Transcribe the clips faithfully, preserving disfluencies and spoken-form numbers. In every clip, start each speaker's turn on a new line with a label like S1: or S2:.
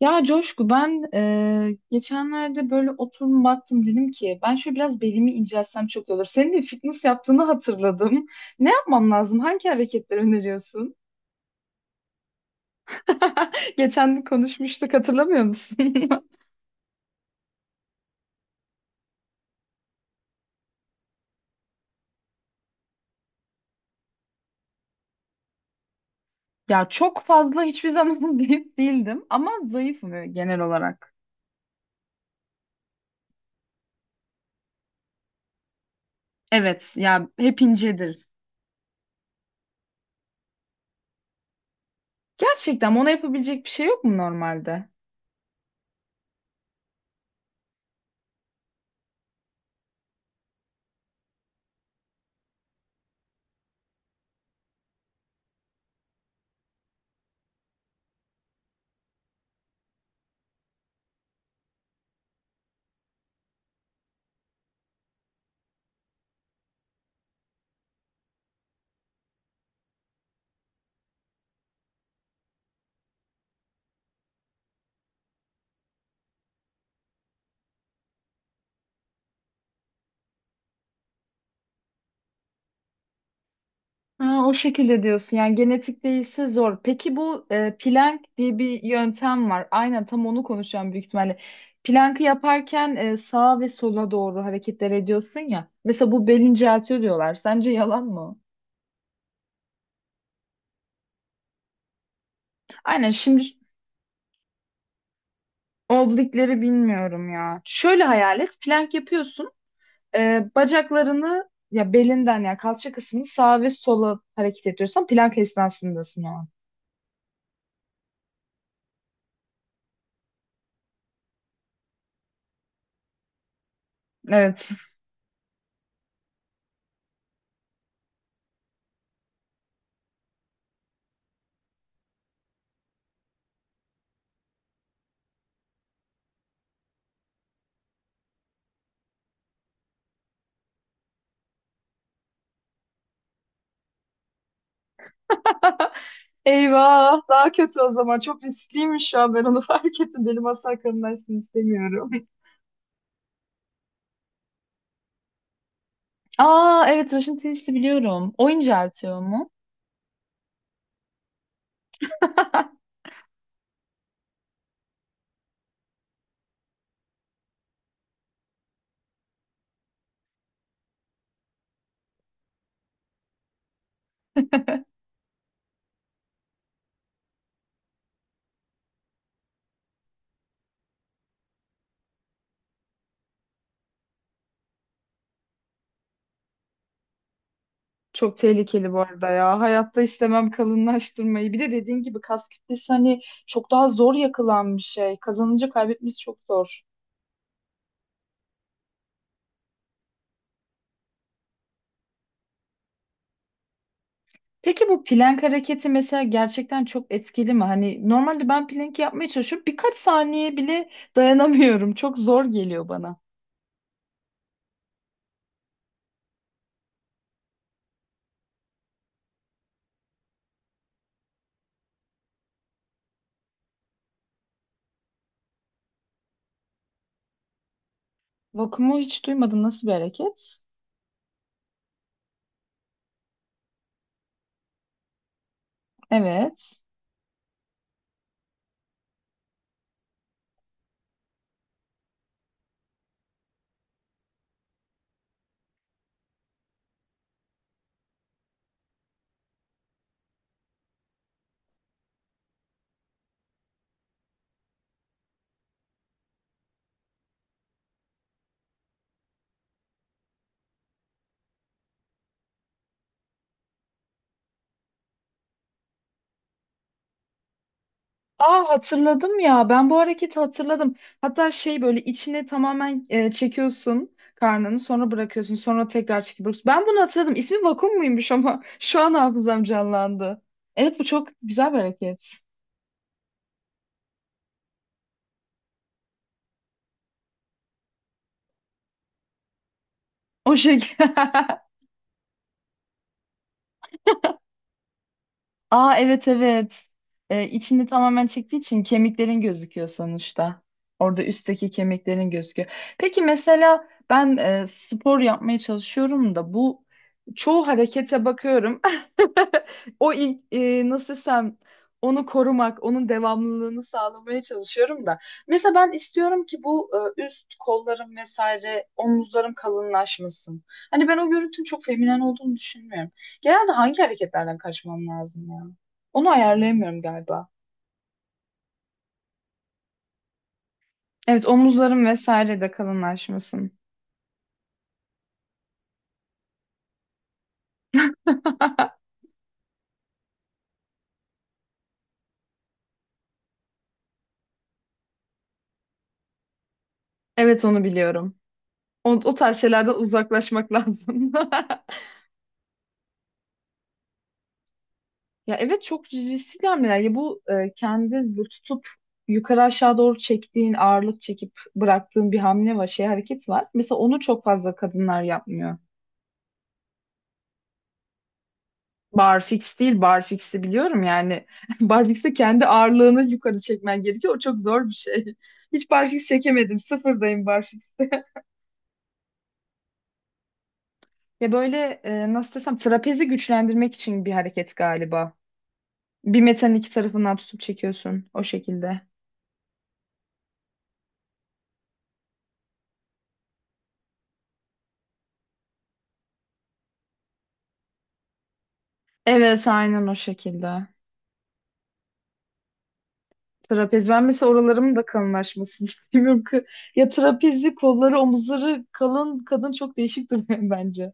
S1: Ya Coşku ben e, geçenlerde böyle oturum baktım dedim ki ben şöyle biraz belimi incelsem çok iyi olur. Senin de fitness yaptığını hatırladım. Ne yapmam lazım? Hangi hareketleri öneriyorsun? Geçen gün konuşmuştuk hatırlamıyor musun? Ya çok fazla hiçbir zaman zayıf değildim ama zayıfım, evet, genel olarak. Evet ya, hep incedir. Gerçekten ona yapabilecek bir şey yok mu normalde? Ha, o şekilde diyorsun, yani genetik değilse zor. Peki bu e, Planck diye bir yöntem var. Aynen tam onu konuşacağım büyük ihtimalle. Planck'ı yaparken e, sağa ve sola doğru hareketler ediyorsun ya. Mesela bu bel inceltiyor diyorlar. Sence yalan mı, o? Aynen, şimdi ş- oblikleri bilmiyorum ya. Şöyle hayal et. Plank yapıyorsun. E, bacaklarını ya belinden ya kalça kısmını sağa ve sola hareket ediyorsan plank esnasındasın o an. Evet. Eyvah, daha kötü o zaman. Çok riskliymiş, şu an ben onu fark ettim. Benim asla aklımdaysın istemiyorum. Aa evet, Russian twist'i biliyorum. O inceltiyor mu? Çok tehlikeli bu arada ya. Hayatta istemem kalınlaştırmayı. Bir de dediğin gibi kas kütlesi, hani çok daha zor yakılan bir şey. Kazanınca kaybetmesi çok zor. Peki bu plank hareketi mesela gerçekten çok etkili mi? Hani normalde ben plank yapmaya çalışıyorum. Birkaç saniye bile dayanamıyorum. Çok zor geliyor bana. Vakumu hiç duymadım. Nasıl bir hareket? Evet. Aa, hatırladım ya. Ben bu hareketi hatırladım. Hatta şey, böyle içine tamamen e, çekiyorsun karnını, sonra bırakıyorsun, sonra tekrar çekip bırakıyorsun. Ben bunu hatırladım. İsmi vakum muymuş ama şu an hafızam canlandı. Evet, bu çok güzel bir hareket. O şekilde. Aa evet, evet. Ee, içini tamamen çektiği için kemiklerin gözüküyor sonuçta. Orada üstteki kemiklerin gözüküyor. Peki mesela ben e, spor yapmaya çalışıyorum da bu çoğu harekete bakıyorum. O ilk, e, nasıl desem, onu korumak, onun devamlılığını sağlamaya çalışıyorum da. Mesela ben istiyorum ki bu e, üst kollarım vesaire omuzlarım kalınlaşmasın. Hani ben o görüntünün çok feminen olduğunu düşünmüyorum. Genelde hangi hareketlerden kaçmam lazım ya? Onu ayarlayamıyorum galiba. Evet, omuzlarım vesaire de kalınlaşmasın. Evet, onu biliyorum. O, o tarz şeylerden uzaklaşmak lazım. Ya evet, çok riskli hamleler. Ya bu e, kendi bu tutup yukarı aşağı doğru çektiğin, ağırlık çekip bıraktığın bir hamle var, şey hareket var. Mesela onu çok fazla kadınlar yapmıyor. Barfix değil, barfix'i biliyorum yani. Barfix'e kendi ağırlığını yukarı çekmen gerekiyor. O çok zor bir şey. Hiç barfix çekemedim. Sıfırdayım barfix'te. Ya böyle, e, nasıl desem, trapezi güçlendirmek için bir hareket galiba. Bir metanın iki tarafından tutup çekiyorsun o şekilde. Evet, aynen o şekilde. Trapez, ben mesela oralarımın da kalınlaşmasını istemiyorum. Kı- Ya trapezi, kolları, omuzları kalın kadın çok değişik duruyor bence.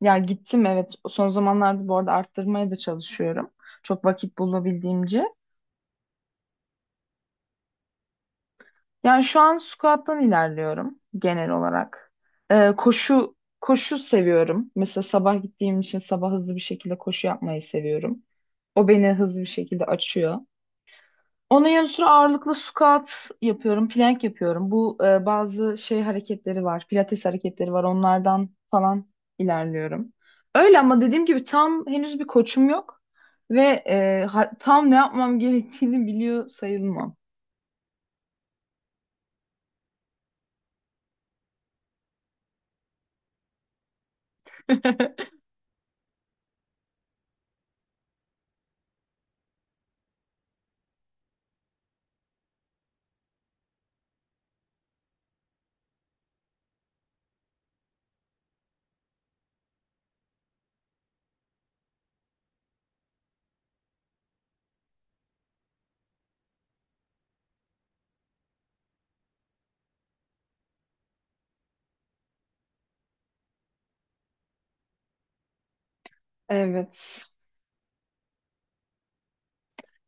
S1: Ya gittim, evet. Son zamanlarda bu arada arttırmaya da çalışıyorum. Çok vakit bulabildiğimce. Yani şu an squat'tan ilerliyorum genel olarak. Ee, koşu koşu seviyorum. Mesela sabah gittiğim için sabah hızlı bir şekilde koşu yapmayı seviyorum. O beni hızlı bir şekilde açıyor. Onun yanı sıra ağırlıklı squat yapıyorum, plank yapıyorum. Bu e, bazı şey hareketleri var, pilates hareketleri var. Onlardan falan ilerliyorum. Öyle ama dediğim gibi tam henüz bir koçum yok ve e, ha- tam ne yapmam gerektiğini biliyor sayılmam. Evet.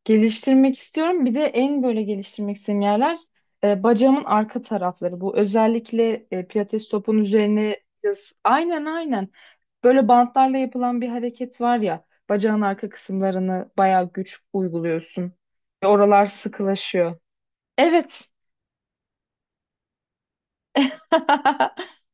S1: Geliştirmek istiyorum. Bir de en böyle geliştirmek istediğim yerler e, bacağımın arka tarafları. Bu özellikle e, pilates topunun üzerine yaz. Aynen, aynen. Böyle bantlarla yapılan bir hareket var ya. Bacağın arka kısımlarını bayağı güç uyguluyorsun. Ve oralar sıkılaşıyor. Evet.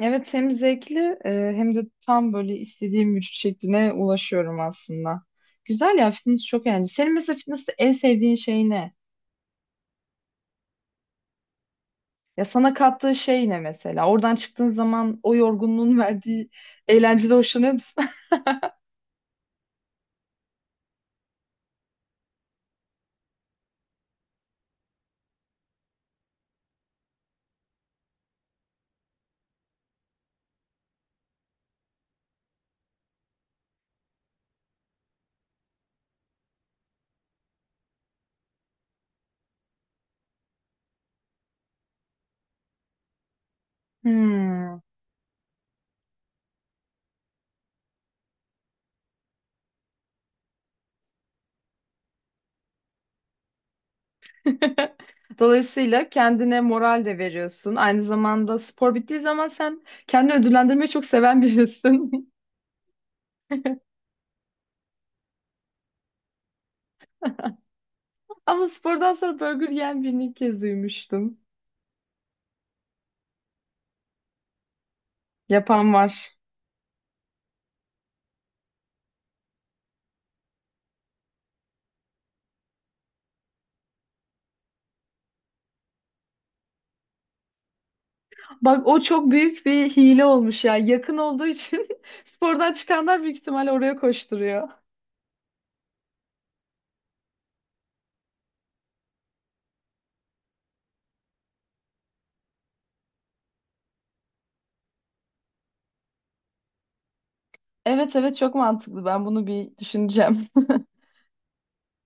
S1: Evet, hem zevkli e, hem de tam böyle istediğim vücut şekline ulaşıyorum aslında. Güzel ya, fitness çok eğlenceli. Senin mesela fitness'te en sevdiğin şey ne? Ya sana kattığı şey ne mesela? Oradan çıktığın zaman o yorgunluğun verdiği eğlencede hoşlanıyor musun? Hmm. Dolayısıyla kendine moral de veriyorsun. Aynı zamanda spor bittiği zaman sen kendini ödüllendirmeyi çok seven birisin. Ama spordan sonra burger yiyen birini ilk kez duymuştum. Yapan var. Bak, o çok büyük bir hile olmuş ya. Yakın olduğu için spordan çıkanlar büyük ihtimalle oraya koşturuyor. Evet evet, çok mantıklı. Ben bunu bir düşüneceğim.